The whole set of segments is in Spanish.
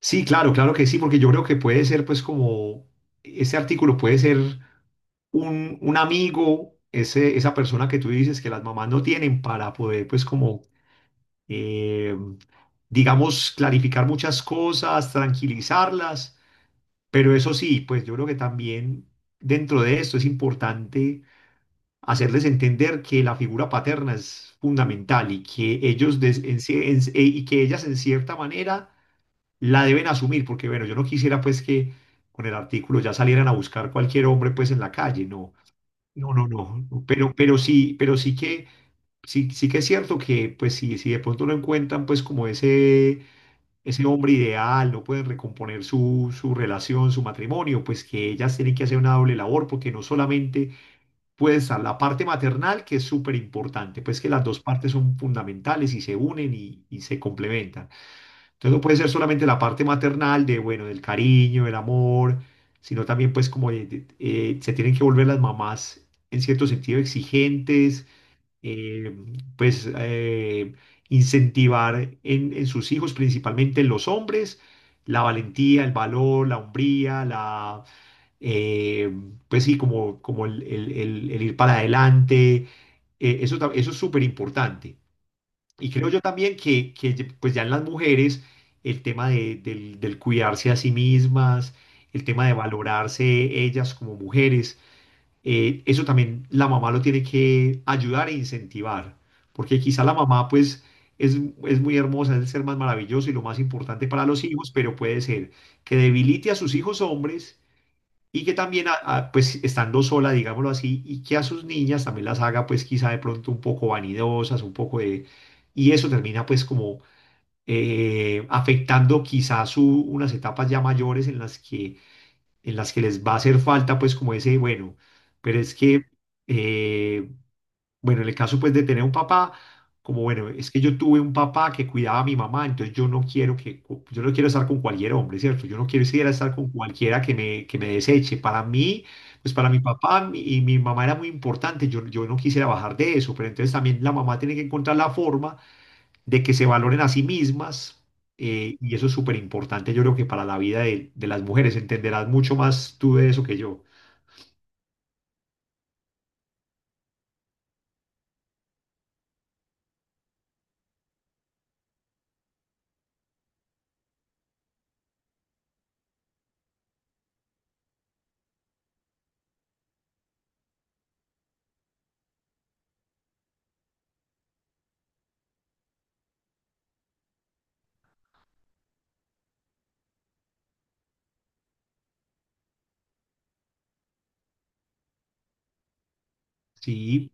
Sí, claro, claro que sí, porque yo creo que puede ser, pues, como ese artículo puede ser un amigo, ese, esa persona que tú dices que las mamás no tienen para poder, pues, como, eh, digamos, clarificar muchas cosas, tranquilizarlas. Pero eso sí, pues, yo creo que también dentro de esto es importante hacerles entender que la figura paterna es fundamental y que ellos, des- en ci- en- y que ellas, en cierta manera, la deben asumir, porque bueno, yo no quisiera pues que con el artículo ya salieran a buscar cualquier hombre pues en la calle, no, no, no, no, no, pero, sí, sí que es cierto que pues si, si de pronto no encuentran pues como ese hombre ideal, no pueden recomponer su relación, su matrimonio, pues que ellas tienen que hacer una doble labor, porque no solamente puede estar la parte maternal, que es súper importante, pues que las dos partes son fundamentales y se unen y se complementan. Entonces no puede ser solamente la parte maternal de, bueno, del cariño, del amor, sino también pues como se tienen que volver las mamás en cierto sentido exigentes, eh, pues eh, incentivar en sus hijos, principalmente en los hombres, la valentía, el valor, la hombría, eh, pues sí, como, como el ir para adelante. Eso, eso es súper importante. Y creo yo también que, pues ya en las mujeres el tema del, del cuidarse a sí mismas, el tema de valorarse ellas como mujeres. Eso también la mamá lo tiene que ayudar e incentivar, porque quizá la mamá pues es, es muy hermosa, es el ser más maravilloso y lo más importante para los hijos, pero puede ser que debilite a sus hijos hombres y que también, pues estando sola, digámoslo así, y que a sus niñas también las haga, pues quizá de pronto un poco vanidosas, un poco de... Y eso termina pues como afectando quizá su, unas etapas ya mayores en las que les va a hacer falta pues como ese, bueno, pero es que eh, bueno, en el caso pues de tener un papá, como bueno, es que yo tuve un papá que cuidaba a mi mamá, entonces yo no quiero que, yo no quiero estar con cualquier hombre, ¿cierto? Yo no quiero ir a estar con cualquiera que me deseche. Para mí, pues para mi papá y mi mamá era muy importante, yo no quisiera bajar de eso, pero entonces también la mamá tiene que encontrar la forma de que se valoren a sí mismas. Y eso es súper importante, yo creo que para la vida de las mujeres, entenderás mucho más tú de eso que yo. Sí.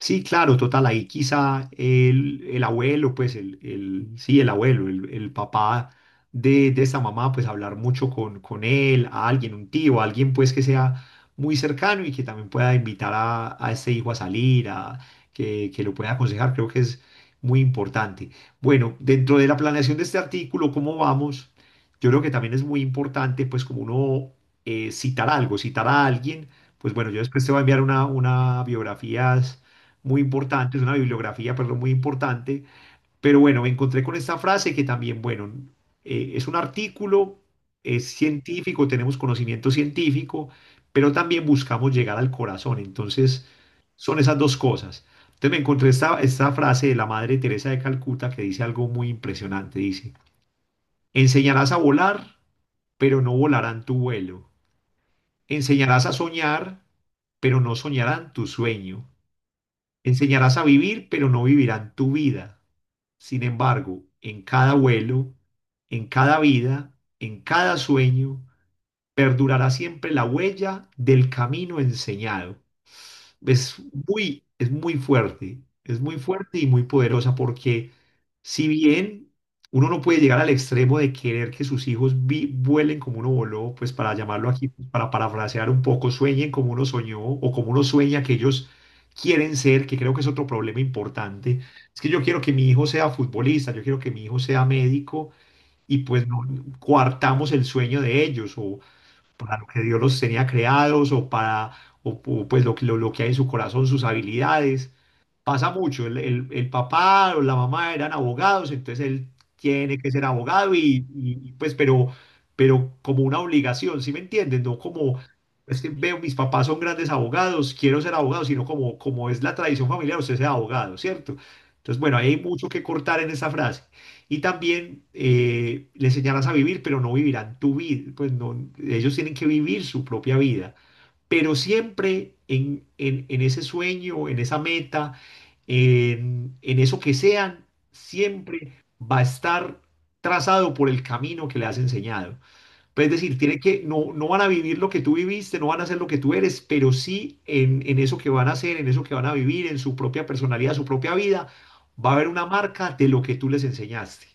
Sí, claro, total, ahí quizá el abuelo, pues el, sí, el abuelo, el papá de esta mamá, pues hablar mucho con él, a alguien, un tío, alguien pues que sea muy cercano y que también pueda invitar a este hijo a salir, a, que lo pueda aconsejar, creo que es muy importante. Bueno, dentro de la planeación de este artículo, ¿cómo vamos? Yo creo que también es muy importante, pues como uno citar algo, citar a alguien, pues bueno, yo después te voy a enviar una biografía muy importante, es una bibliografía, perdón, muy importante. Pero bueno, me encontré con esta frase que también, bueno, es un artículo, es científico, tenemos conocimiento científico, pero también buscamos llegar al corazón. Entonces, son esas dos cosas. Entonces me encontré esta, esta frase de la Madre Teresa de Calcuta que dice algo muy impresionante. Dice, enseñarás a volar, pero no volarán tu vuelo. Enseñarás a soñar, pero no soñarán tu sueño. Enseñarás a vivir, pero no vivirán tu vida. Sin embargo, en cada vuelo, en cada vida, en cada sueño, perdurará siempre la huella del camino enseñado. Es muy, es muy fuerte, es muy fuerte y muy poderosa porque si bien uno no puede llegar al extremo de querer que sus hijos vuelen como uno voló, pues para llamarlo aquí, pues para parafrasear un poco, sueñen como uno soñó o como uno sueña que ellos quieren ser, que creo que es otro problema importante. Es que yo quiero que mi hijo sea futbolista, yo quiero que mi hijo sea médico y pues no coartamos el sueño de ellos o para lo que Dios los tenía creados o para o, o, pues lo, lo que hay en su corazón, sus habilidades. Pasa mucho. El, el papá o la mamá eran abogados, entonces él tiene que ser abogado y, pues, pero como una obligación, ¿sí me entienden? No como, es que veo, mis papás son grandes abogados, quiero ser abogado, sino como, como es la tradición familiar, usted sea abogado, ¿cierto? Entonces, bueno, ahí hay mucho que cortar en esa frase. Y también le enseñarás a vivir, pero no vivirán tu vida. Pues no, ellos tienen que vivir su propia vida pero siempre en, en ese sueño, en esa meta, en eso que sean, siempre va a estar trazado por el camino que le has enseñado. Pues es decir, tiene que, no, no van a vivir lo que tú viviste, no van a ser lo que tú eres, pero sí en eso que van a hacer, en eso que van a vivir, en su propia personalidad, su propia vida, va a haber una marca de lo que tú les enseñaste.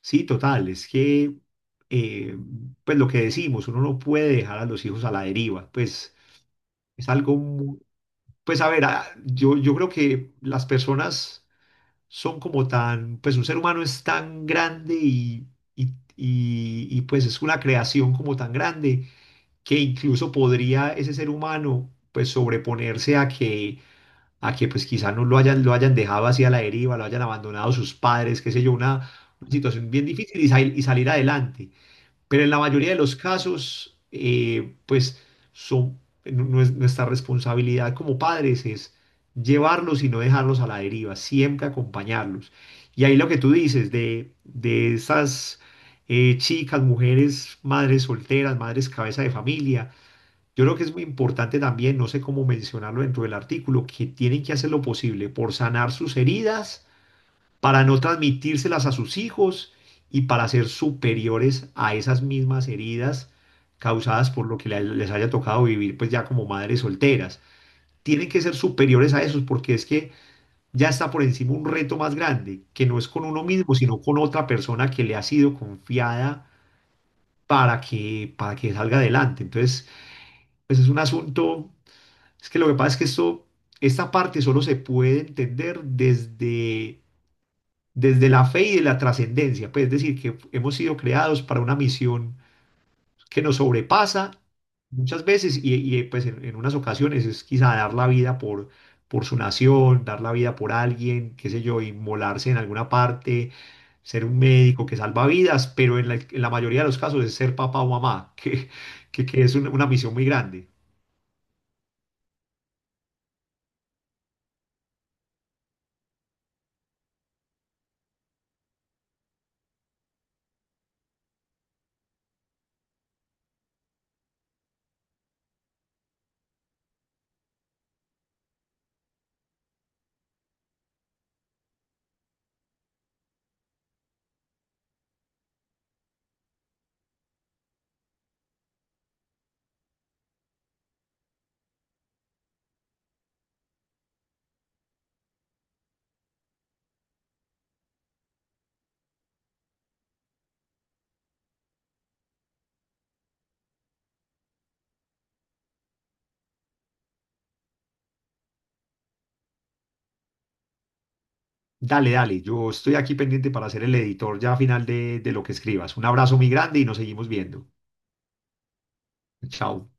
Sí, total, es que, eh, pues lo que decimos, uno no puede dejar a los hijos a la deriva, pues. Es algo muy... Pues a ver, yo, yo creo que las personas son como tan, pues un ser humano es tan grande y, pues es una creación como tan grande que incluso podría ese ser humano pues sobreponerse a que pues quizá no lo hayan, lo hayan dejado así a la deriva, lo hayan abandonado sus padres, qué sé yo, una situación bien difícil y, y salir adelante pero en la mayoría de los casos, pues son, nuestra responsabilidad como padres es llevarlos y no dejarlos a la deriva, siempre acompañarlos. Y ahí lo que tú dices de esas chicas, mujeres, madres solteras, madres cabeza de familia, yo creo que es muy importante también, no sé cómo mencionarlo dentro del artículo, que tienen que hacer lo posible por sanar sus heridas para no transmitírselas a sus hijos y para ser superiores a esas mismas heridas causadas por lo que les haya tocado vivir, pues ya como madres solteras. Tienen que ser superiores a esos porque es que ya está por encima un reto más grande, que no es con uno mismo, sino con otra persona que le ha sido confiada para que salga adelante. Entonces, pues es un asunto, es que lo que pasa es que esto, esta parte solo se puede entender desde desde la fe y de la trascendencia, pues es decir, que hemos sido creados para una misión que nos sobrepasa muchas veces y, pues en unas ocasiones es quizá dar la vida por su nación, dar la vida por alguien, qué sé yo, inmolarse en alguna parte, ser un médico que salva vidas, pero en la mayoría de los casos es ser papá o mamá, que es una misión muy grande. Dale, dale, yo estoy aquí pendiente para ser el editor ya a final de lo que escribas. Un abrazo muy grande y nos seguimos viendo. Chao.